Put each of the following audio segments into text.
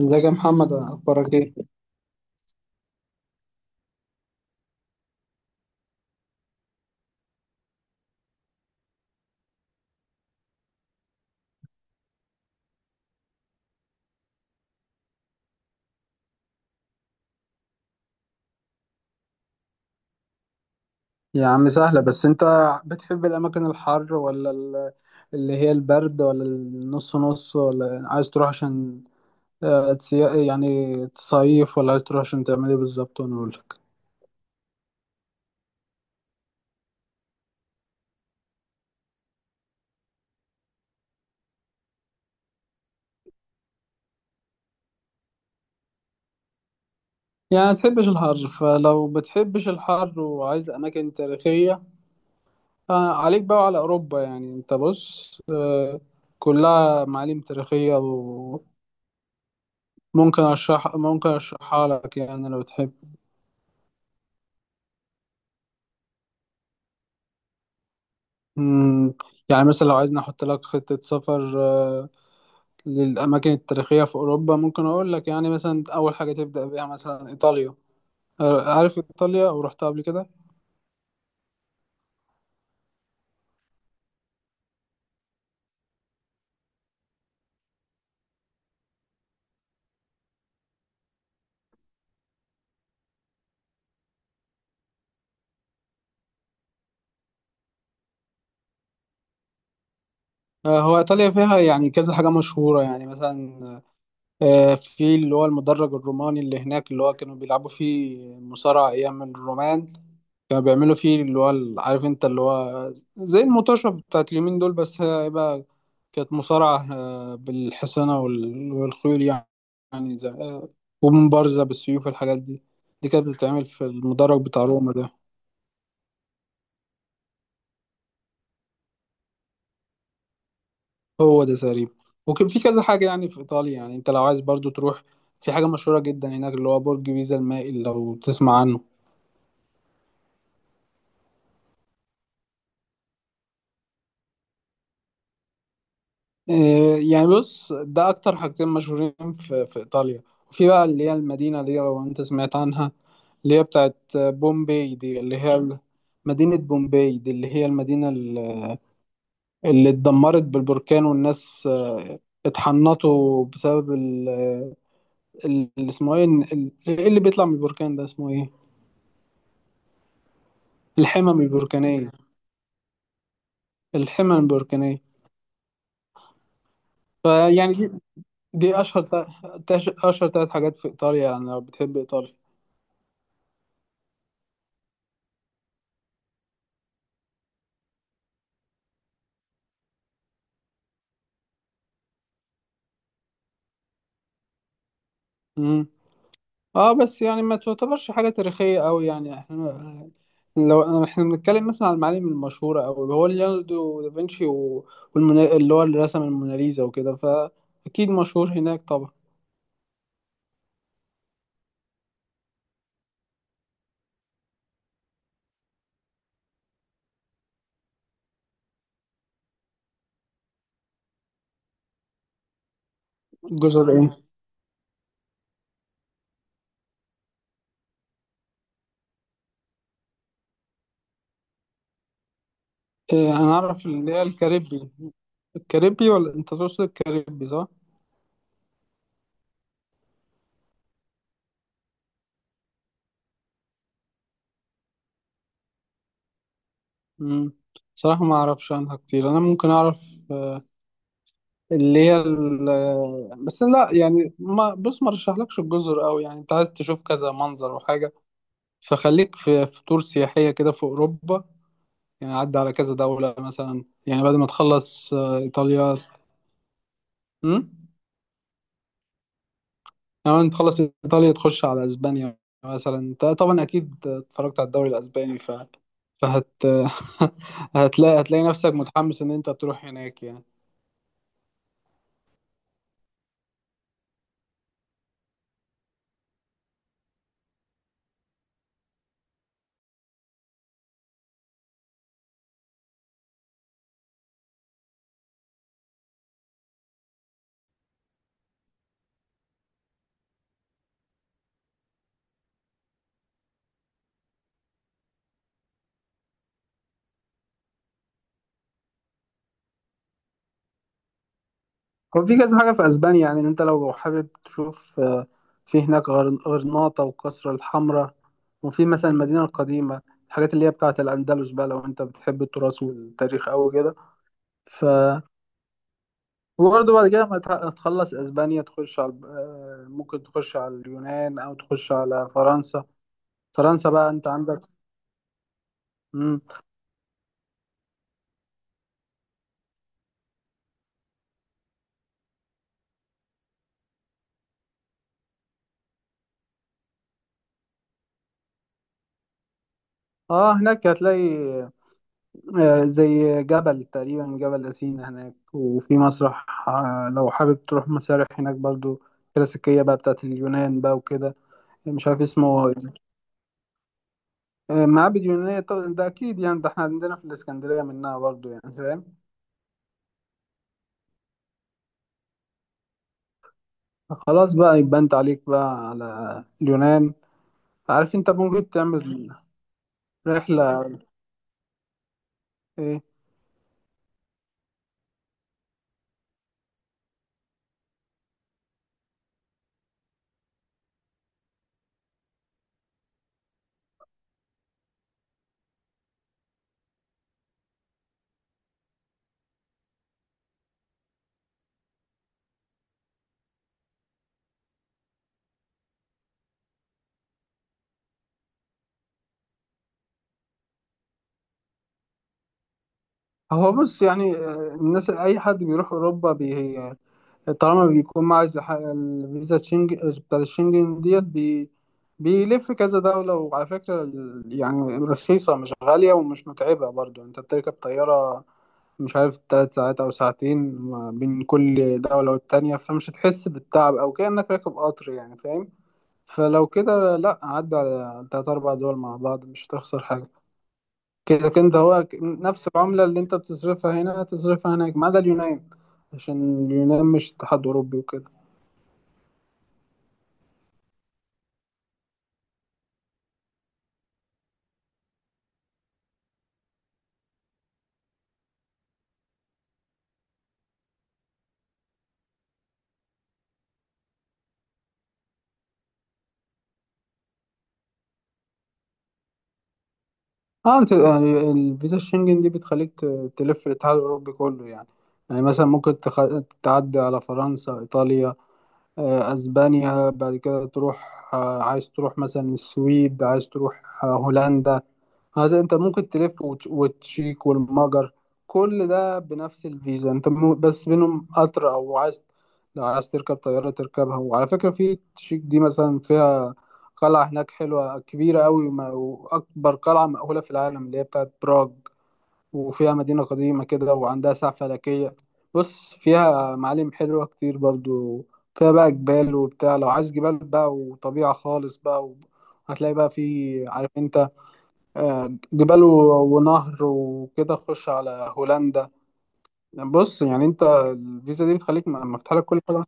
ازيك يا محمد، اخبارك ايه؟ يا عم سهلة. بس انت بتحب الاماكن الحر ولا اللي هي البرد ولا النص نص، ولا عايز تروح عشان يعني تصيف، ولا عايز تروح عشان تعمل ايه بالظبط وانا اقولك؟ يعني ما تحبش الحر. فلو بتحبش الحر وعايز اماكن تاريخية، عليك بقى على اوروبا. يعني انت بص، كلها معالم تاريخية. وممكن اشرح ممكن اشرحها لك يعني لو تحب. مم. يعني مثلا لو عايزني احط لك خطة سفر للأماكن التاريخية في أوروبا، ممكن أقول لك يعني مثلا أول حاجة تبدأ بيها مثلا إيطاليا. عارف إيطاليا أو رحتها قبل كده؟ هو إيطاليا فيها يعني كذا حاجة مشهورة، يعني مثلا في اللي هو المدرج الروماني اللي هناك، اللي هو كانوا بيلعبوا فيه مصارعة أيام الرومان. كانوا بيعملوا فيه اللي هو عارف انت، اللي هو زي المطاشه بتاعت اليومين دول، بس هي بقى كانت مصارعه بالحصانه وال- والخيول يعني. يعني زي آه، ومبارزه بالسيوف، الحاجات دي. دي كانت بتتعمل في المدرج بتاع روما ده. هو ده تقريبا. وكان في كذا حاجه يعني في ايطاليا. يعني انت لو عايز برضو تروح، في حاجه مشهوره جدا هناك اللي هو برج بيزا المائل، لو تسمع عنه. إيه، يعني بص، ده اكتر حاجتين مشهورين في ايطاليا. وفي بقى اللي هي المدينه دي، لو انت سمعت عنها، اللي هي بتاعت بومبي دي، اللي هي مدينه بومبي دي، اللي هي المدينه اللي اتدمرت بالبركان، والناس اتحنطوا بسبب اللي اسمه ايه، ايه اللي بيطلع من البركان ده اسمه ايه؟ الحمم البركانيه. الحمم البركانيه. فيعني دي. دي اشهر اشهر ثلاث حاجات في ايطاليا، يعني لو بتحب ايطاليا. اه بس يعني ما تعتبرش حاجة تاريخية قوي. يعني احنا، لو بنتكلم مثلا عن المعالم المشهورة أوي، هو ليوناردو دافنشي اللي هو اللي رسم الموناليزا وكده، فأكيد مشهور هناك طبعا. جزر ايه؟ أنا أعرف اللي هي الكاريبي. ولا أنت تقصد الكاريبي، صح؟ مم. صراحة ما أعرفش عنها كتير. أنا ممكن أعرف اللي هي بس لا، يعني ما بص، ما رشحلكش الجزر أوي. يعني أنت عايز تشوف كذا منظر وحاجة، فخليك في تور سياحية كده في أوروبا. يعني عدى على كذا دولة مثلا، يعني بعد ما تخلص إيطاليا. امم يعني بعد ما تخلص إيطاليا، تخش على أسبانيا. مثلا أنت طبعا أكيد اتفرجت على الدوري الأسباني ف... فهت هتلاقي نفسك متحمس إن أنت تروح هناك يعني. هو في كذا حاجة في أسبانيا. يعني إن أنت لو حابب تشوف في هناك غرناطة والقصر الحمراء. وفي مثلا المدينة القديمة، الحاجات اللي هي بتاعة الأندلس بقى، لو أنت بتحب التراث والتاريخ أوي كده. ف وبرضه بعد كده ما تح- تخلص أسبانيا، تخش على ممكن تخش على اليونان أو تخش على فرنسا. فرنسا بقى أنت عندك. مم. اه هناك هتلاقي زي جبل تقريبا، جبل أثينا هناك. وفي مسرح لو حابب تروح مسارح هناك برضو، كلاسيكية بقى بتاعت اليونان بقى وكده. مش عارف اسمه إيه. معابد يونانية، طب ده أكيد. يعني ده احنا عندنا في الإسكندرية منها برضو، يعني فاهم. خلاص بقى، يبقى أنت عليك بقى على اليونان. عارف أنت ممكن تعمل رحلة. إيه. هو بص، يعني الناس أي حد بيروح أوروبا، طالما بيكون معاه الفيزا بتاعت الشنجن ديت بيلف كذا دولة. وعلى فكرة يعني رخيصة، مش غالية ومش متعبة برضو. يعني انت بتركب طيارة، مش عارف 3 ساعات أو ساعتين ما بين كل دولة والتانية، فمش هتحس بالتعب أو كأنك راكب قطر، يعني فاهم. فلو كده، لأ عدى على 3 أو 4 دول مع بعض، مش هتخسر حاجة. كده كده هو نفس العملة اللي انت بتصرفها هنا هتصرفها هناك، ما عدا اليونان. عشان اليونان مش اتحاد أوروبي وكده. اه انت يعني الفيزا الشنجن دي بتخليك تلف الاتحاد الاوروبي كله يعني. يعني مثلا ممكن تعدي على فرنسا، ايطاليا، اسبانيا. بعد كده تروح، عايز تروح مثلا السويد، عايز تروح هولندا. هذا انت ممكن تلف وتش- وتشيك والمجر، كل ده بنفس الفيزا. انت بس بينهم قطر او عايز، لو عايز تركب طيارة تركبها. وعلى فكرة في تشيك دي مثلا فيها قلعة هناك حلوة كبيرة قوي، وما- وأكبر قلعة مأهولة في العالم اللي هي بتاعت براغ. وفيها مدينة قديمة كده وعندها ساعة فلكية. بص فيها معالم حلوة كتير برضو. فيها بقى جبال وبتاع، لو عايز جبال بقى وطبيعة خالص بقى، هتلاقي بقى في، عارف انت، جبال و ونهر وكده. تخش على هولندا. بص يعني انت الفيزا دي بتخليك مفتوح لك كل حاجه.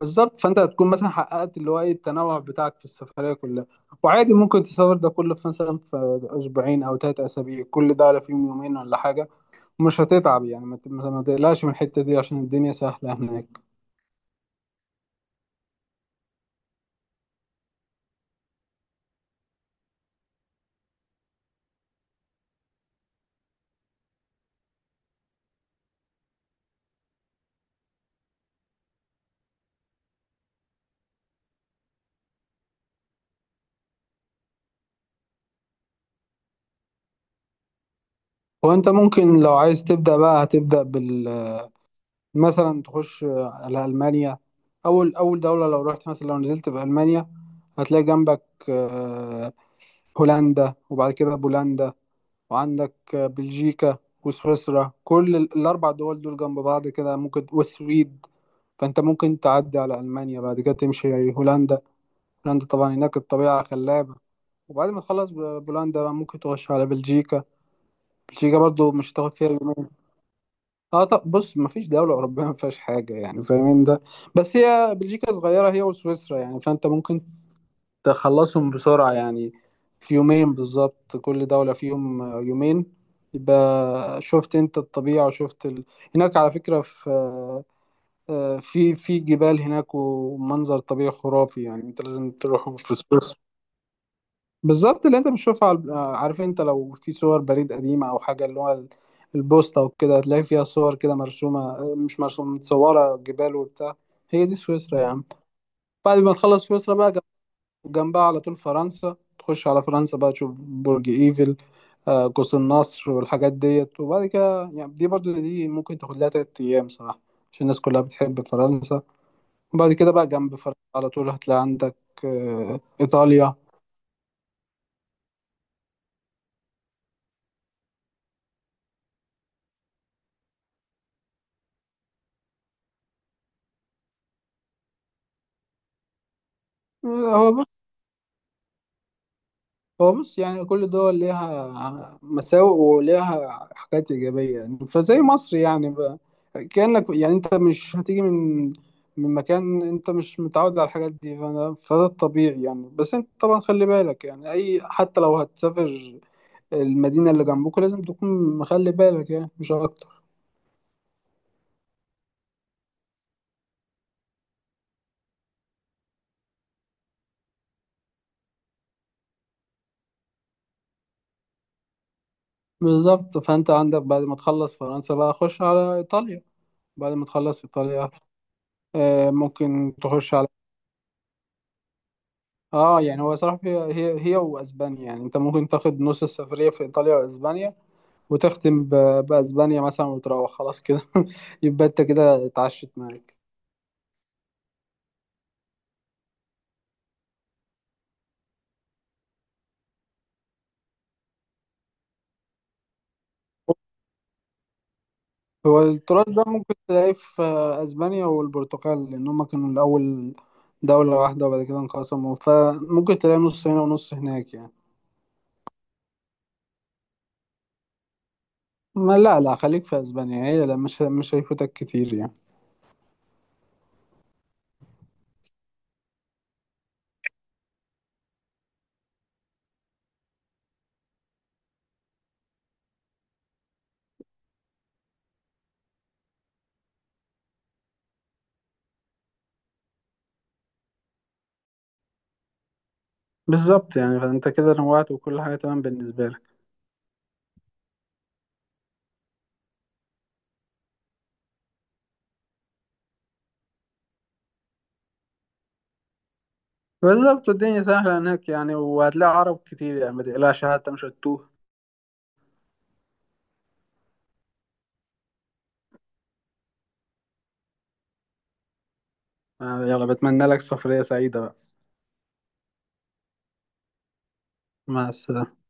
بالظبط، فانت هتكون مثلا حققت اللي هو ايه، التنوع بتاعك في السفريه كلها. وعادي ممكن تسافر ده كله في مثلا في اسبوعين او 3 اسابيع، كل ده على فيهم يومين ولا حاجه. ومش هتتعب، يعني ما تقلقش من الحته دي، عشان الدنيا سهله هناك. وانت ممكن لو عايز تبدا بقى، هتبدا مثلا تخش على ألمانيا. أول أول دولة لو رحت مثلا، لو نزلت في ألمانيا، هتلاقي جنبك آه، هولندا. وبعد كده بولندا. وعندك بلجيكا وسويسرا، كل الأربع دول دول جنب بعض كده، ممكن والسويد. فأنت ممكن تعدي على ألمانيا. بعد كده تمشي هولندا. هولندا طبعا هناك الطبيعة خلابة. وبعد ما تخلص بولندا بقى، ممكن تخش على بلجيكا. بلجيكا برضو مش هتاخد فيها. اه طب بص، مفيش دولة أوروبية ما فيهاش حاجة، يعني فاهمين ده. بس هي بلجيكا صغيرة هي وسويسرا يعني، فأنت ممكن تخلصهم بسرعة يعني، في يومين بالظبط، كل دولة فيهم يومين. يبقى شفت أنت الطبيعة وشفت هناك على فكرة في في جبال هناك، ومنظر طبيعي خرافي، يعني أنت لازم تروح في سويسرا. بالظبط اللي انت بتشوفها عارف انت لو في صور بريد قديمة او حاجة، اللي هو البوسطة وكده، تلاقي فيها صور كده مرسومة، مش مرسومة، متصورة جبال وبتاع. هي دي سويسرا يا عم. بعد ما تخلص سويسرا بقى، جنبها على طول فرنسا. تخش على فرنسا بقى، تشوف برج ايفل، قوس النصر والحاجات ديت. وبعد كده يعني دي، برضو دي ممكن تاخد لها 3 أيام صراحة، عشان الناس كلها بتحب فرنسا. وبعد كده بقى جنب فرنسا على طول هتلاقي عندك إيطاليا. آه، هو هو بص، يعني كل دول ليها مساوئ وليها حاجات إيجابية، يعني فزي مصر يعني بقى. كأنك يعني أنت مش هتيجي من مكان، أنت مش متعود على الحاجات دي، فأنا فده الطبيعي يعني. بس أنت طبعا خلي بالك يعني، أي حتى لو هتسافر المدينة اللي جنبك لازم تكون مخلي بالك، يعني مش أكتر. بالظبط، فأنت عندك بعد ما تخلص فرنسا بقى، خش على إيطاليا. بعد ما تخلص إيطاليا، ممكن تخش على. اه يعني هو صراحة هي واسبانيا، يعني انت ممكن تاخد نص السفرية في ايطاليا واسبانيا، وتختم باسبانيا مثلا، وتروح خلاص كده يبقى انت كده اتعشت معاك. هو التراث ده ممكن تلاقيه في اسبانيا والبرتغال، لان هم كانوا الاول دولة واحدة، وبعد كده انقسموا، فممكن تلاقي نص هنا ونص هناك يعني. ما لا، لا خليك في اسبانيا. هي لا، مش هيفوتك كتير يعني. بالظبط يعني، فانت كده نوعت وكل حاجة تمام بالنسبة لك. بالظبط، الدنيا سهلة هناك يعني، وهتلاقي عرب كتير يعني، ما تقلقش حتى مش هتتوه. يلا، بتمنى لك سفرية سعيدة بقى. مع السلامة.